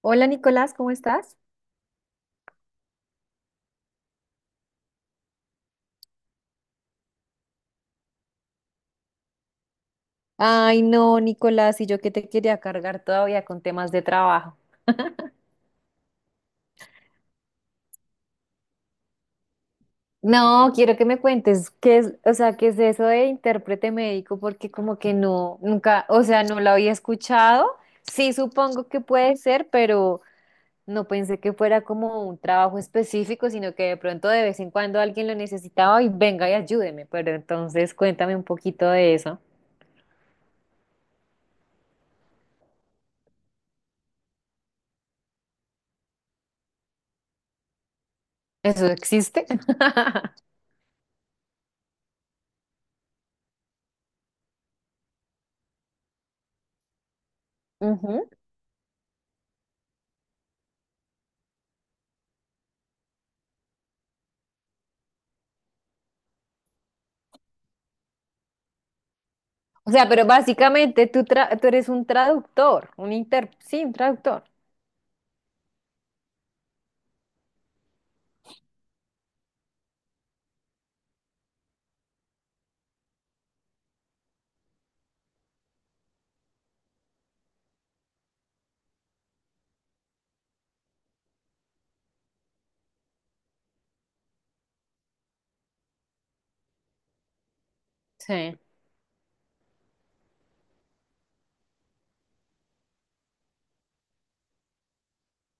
Hola Nicolás, ¿cómo estás? Ay, no, Nicolás, y yo que te quería cargar todavía con temas de trabajo. No, quiero que me cuentes qué es, o sea, qué es eso de intérprete médico, porque como que no, nunca, o sea, no lo había escuchado. Sí, supongo que puede ser, pero no pensé que fuera como un trabajo específico, sino que de pronto de vez en cuando alguien lo necesitaba y venga y ayúdeme. Pero entonces cuéntame un poquito de eso. ¿Eso existe? O sea, pero básicamente tú, tú eres un traductor, un inter, sí, un traductor. Sí,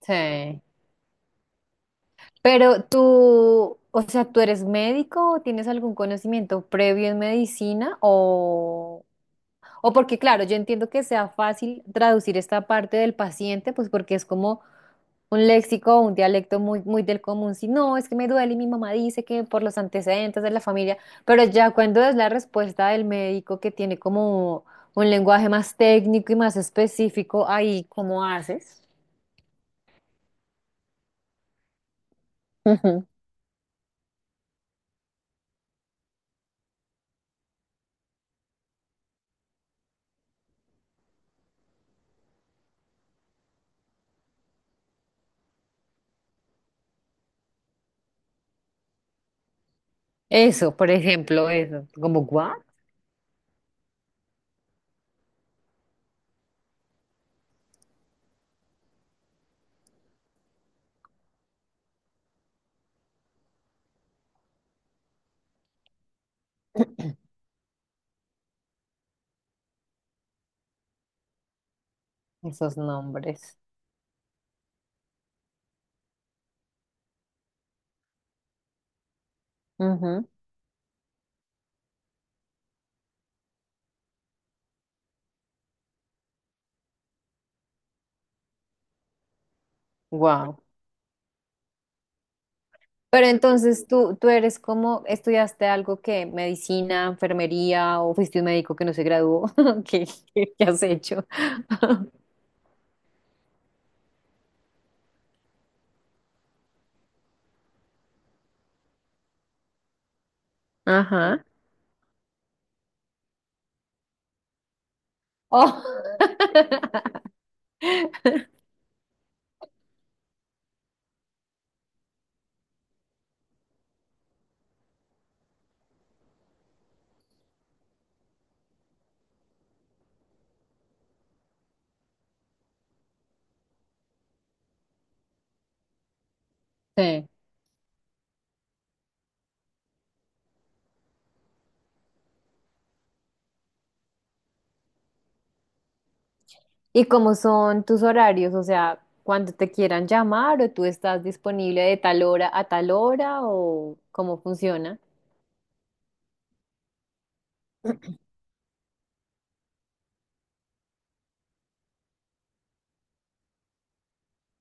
sí. Pero tú, o sea, ¿tú eres médico o tienes algún conocimiento previo en medicina o? O porque, claro, yo entiendo que sea fácil traducir esta parte del paciente, pues porque es como un léxico, un dialecto muy, muy del común. Si no, es que me duele y mi mamá dice que por los antecedentes de la familia, pero ya cuando es la respuesta del médico que tiene como un lenguaje más técnico y más específico, ahí, ¿cómo haces? Ujú. Eso, por ejemplo, eso, como guau, esos nombres. Wow. Pero entonces tú eres como, ¿estudiaste algo que medicina, enfermería o fuiste un médico que no se graduó? ¿Qué, qué has hecho? Ajá. Oh. Sí. ¿Y cómo son tus horarios? O sea, ¿cuando te quieran llamar o tú estás disponible de tal hora a tal hora o cómo funciona?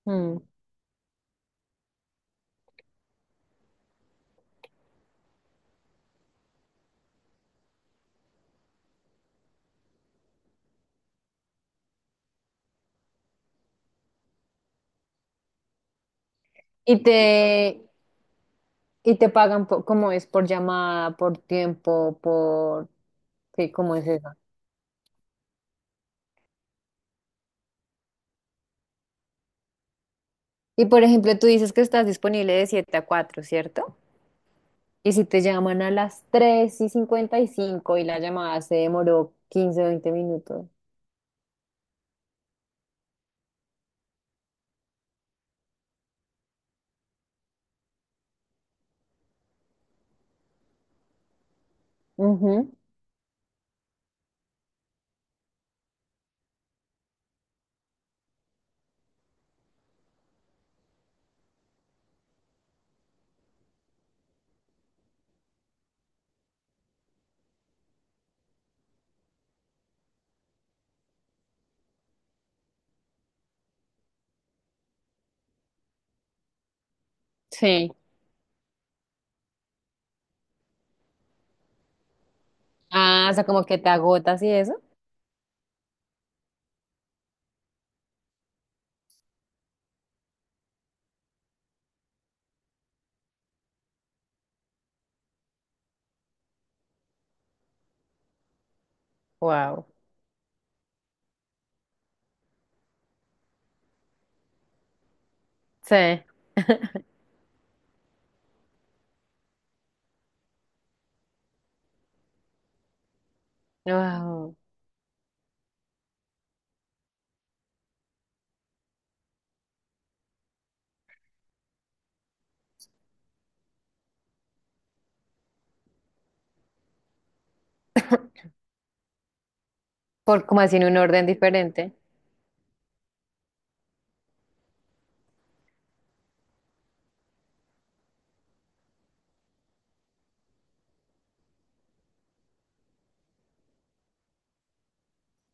Mm. ¿Y te, y te pagan por, cómo es? ¿Por llamada, por tiempo, por... Sí, cómo es eso? Y por ejemplo, tú dices que estás disponible de 7 a 4, ¿cierto? Y si te llaman a las 3 y cincuenta y cinco y la llamada se demoró quince o veinte minutos. Ujú. Sí. Ah, o sea, como que te agotas y eso. Wow. Sí. Wow. ¿Por como así en un orden diferente?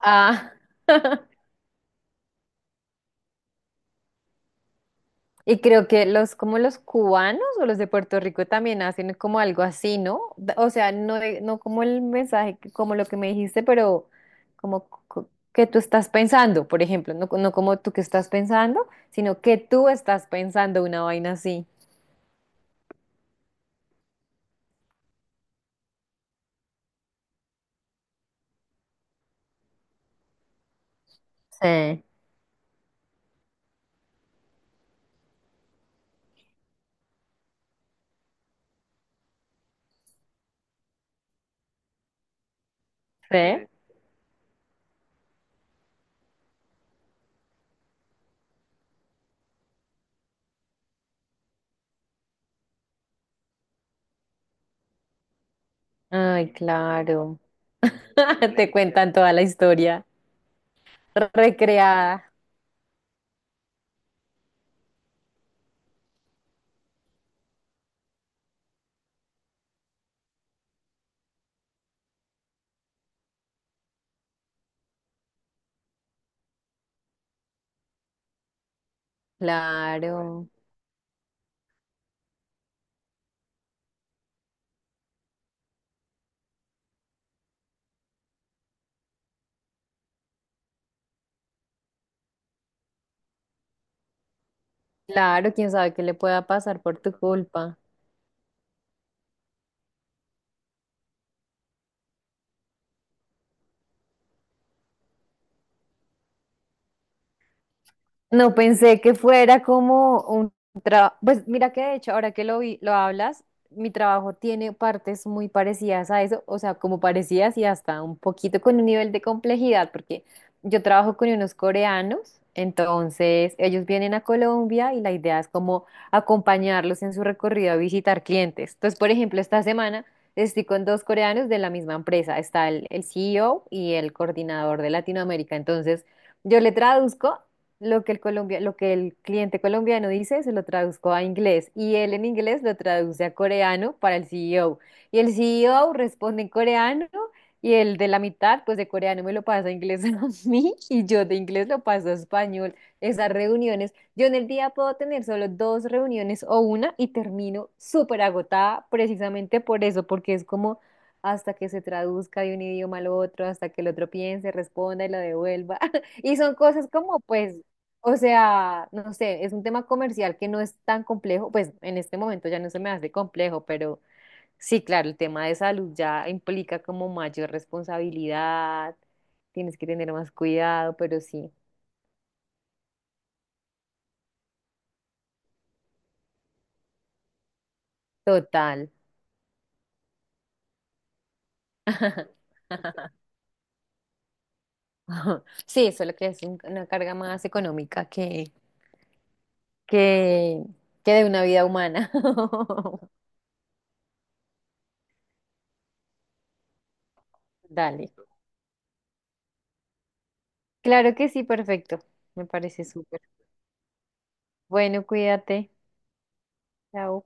Ah. Y creo que los, como los cubanos o los de Puerto Rico también hacen como algo así, ¿no? D- O sea, no, no como el mensaje, como lo que me dijiste, pero como que tú estás pensando, por ejemplo, no, no como tú que estás pensando, sino que tú estás pensando una vaina así. Sí. ¿Sí? Ay, claro. Te cuentan toda la historia recreada. Claro, claro, quién sabe qué le pueda pasar por tu culpa. No pensé que fuera como un trabajo. Pues mira que de hecho, ahora que lo hablas, mi trabajo tiene partes muy parecidas a eso, o sea, como parecidas y hasta un poquito con un nivel de complejidad, porque yo trabajo con unos coreanos, entonces ellos vienen a Colombia y la idea es como acompañarlos en su recorrido a visitar clientes. Entonces, por ejemplo, esta semana estoy con dos coreanos de la misma empresa, está el CEO y el coordinador de Latinoamérica, entonces... Yo le traduzco lo que el colombia, lo que el cliente colombiano dice, se lo traduzco a inglés y él en inglés lo traduce a coreano para el CEO. Y el CEO responde en coreano y el de la mitad, pues de coreano me lo pasa a inglés a mí y yo de inglés lo paso a español. Esas reuniones, yo en el día puedo tener solo dos reuniones o una y termino súper agotada precisamente por eso, porque es como hasta que se traduzca de un idioma al otro, hasta que el otro piense, responda y lo devuelva. Y son cosas como, pues, o sea, no sé, es un tema comercial que no es tan complejo, pues en este momento ya no se me hace complejo, pero sí, claro, el tema de salud ya implica como mayor responsabilidad, tienes que tener más cuidado, pero sí, total. Sí, solo que es una carga más económica que, que de una vida humana. Dale. Claro que sí, perfecto. Me parece súper. Bueno, cuídate. Chao.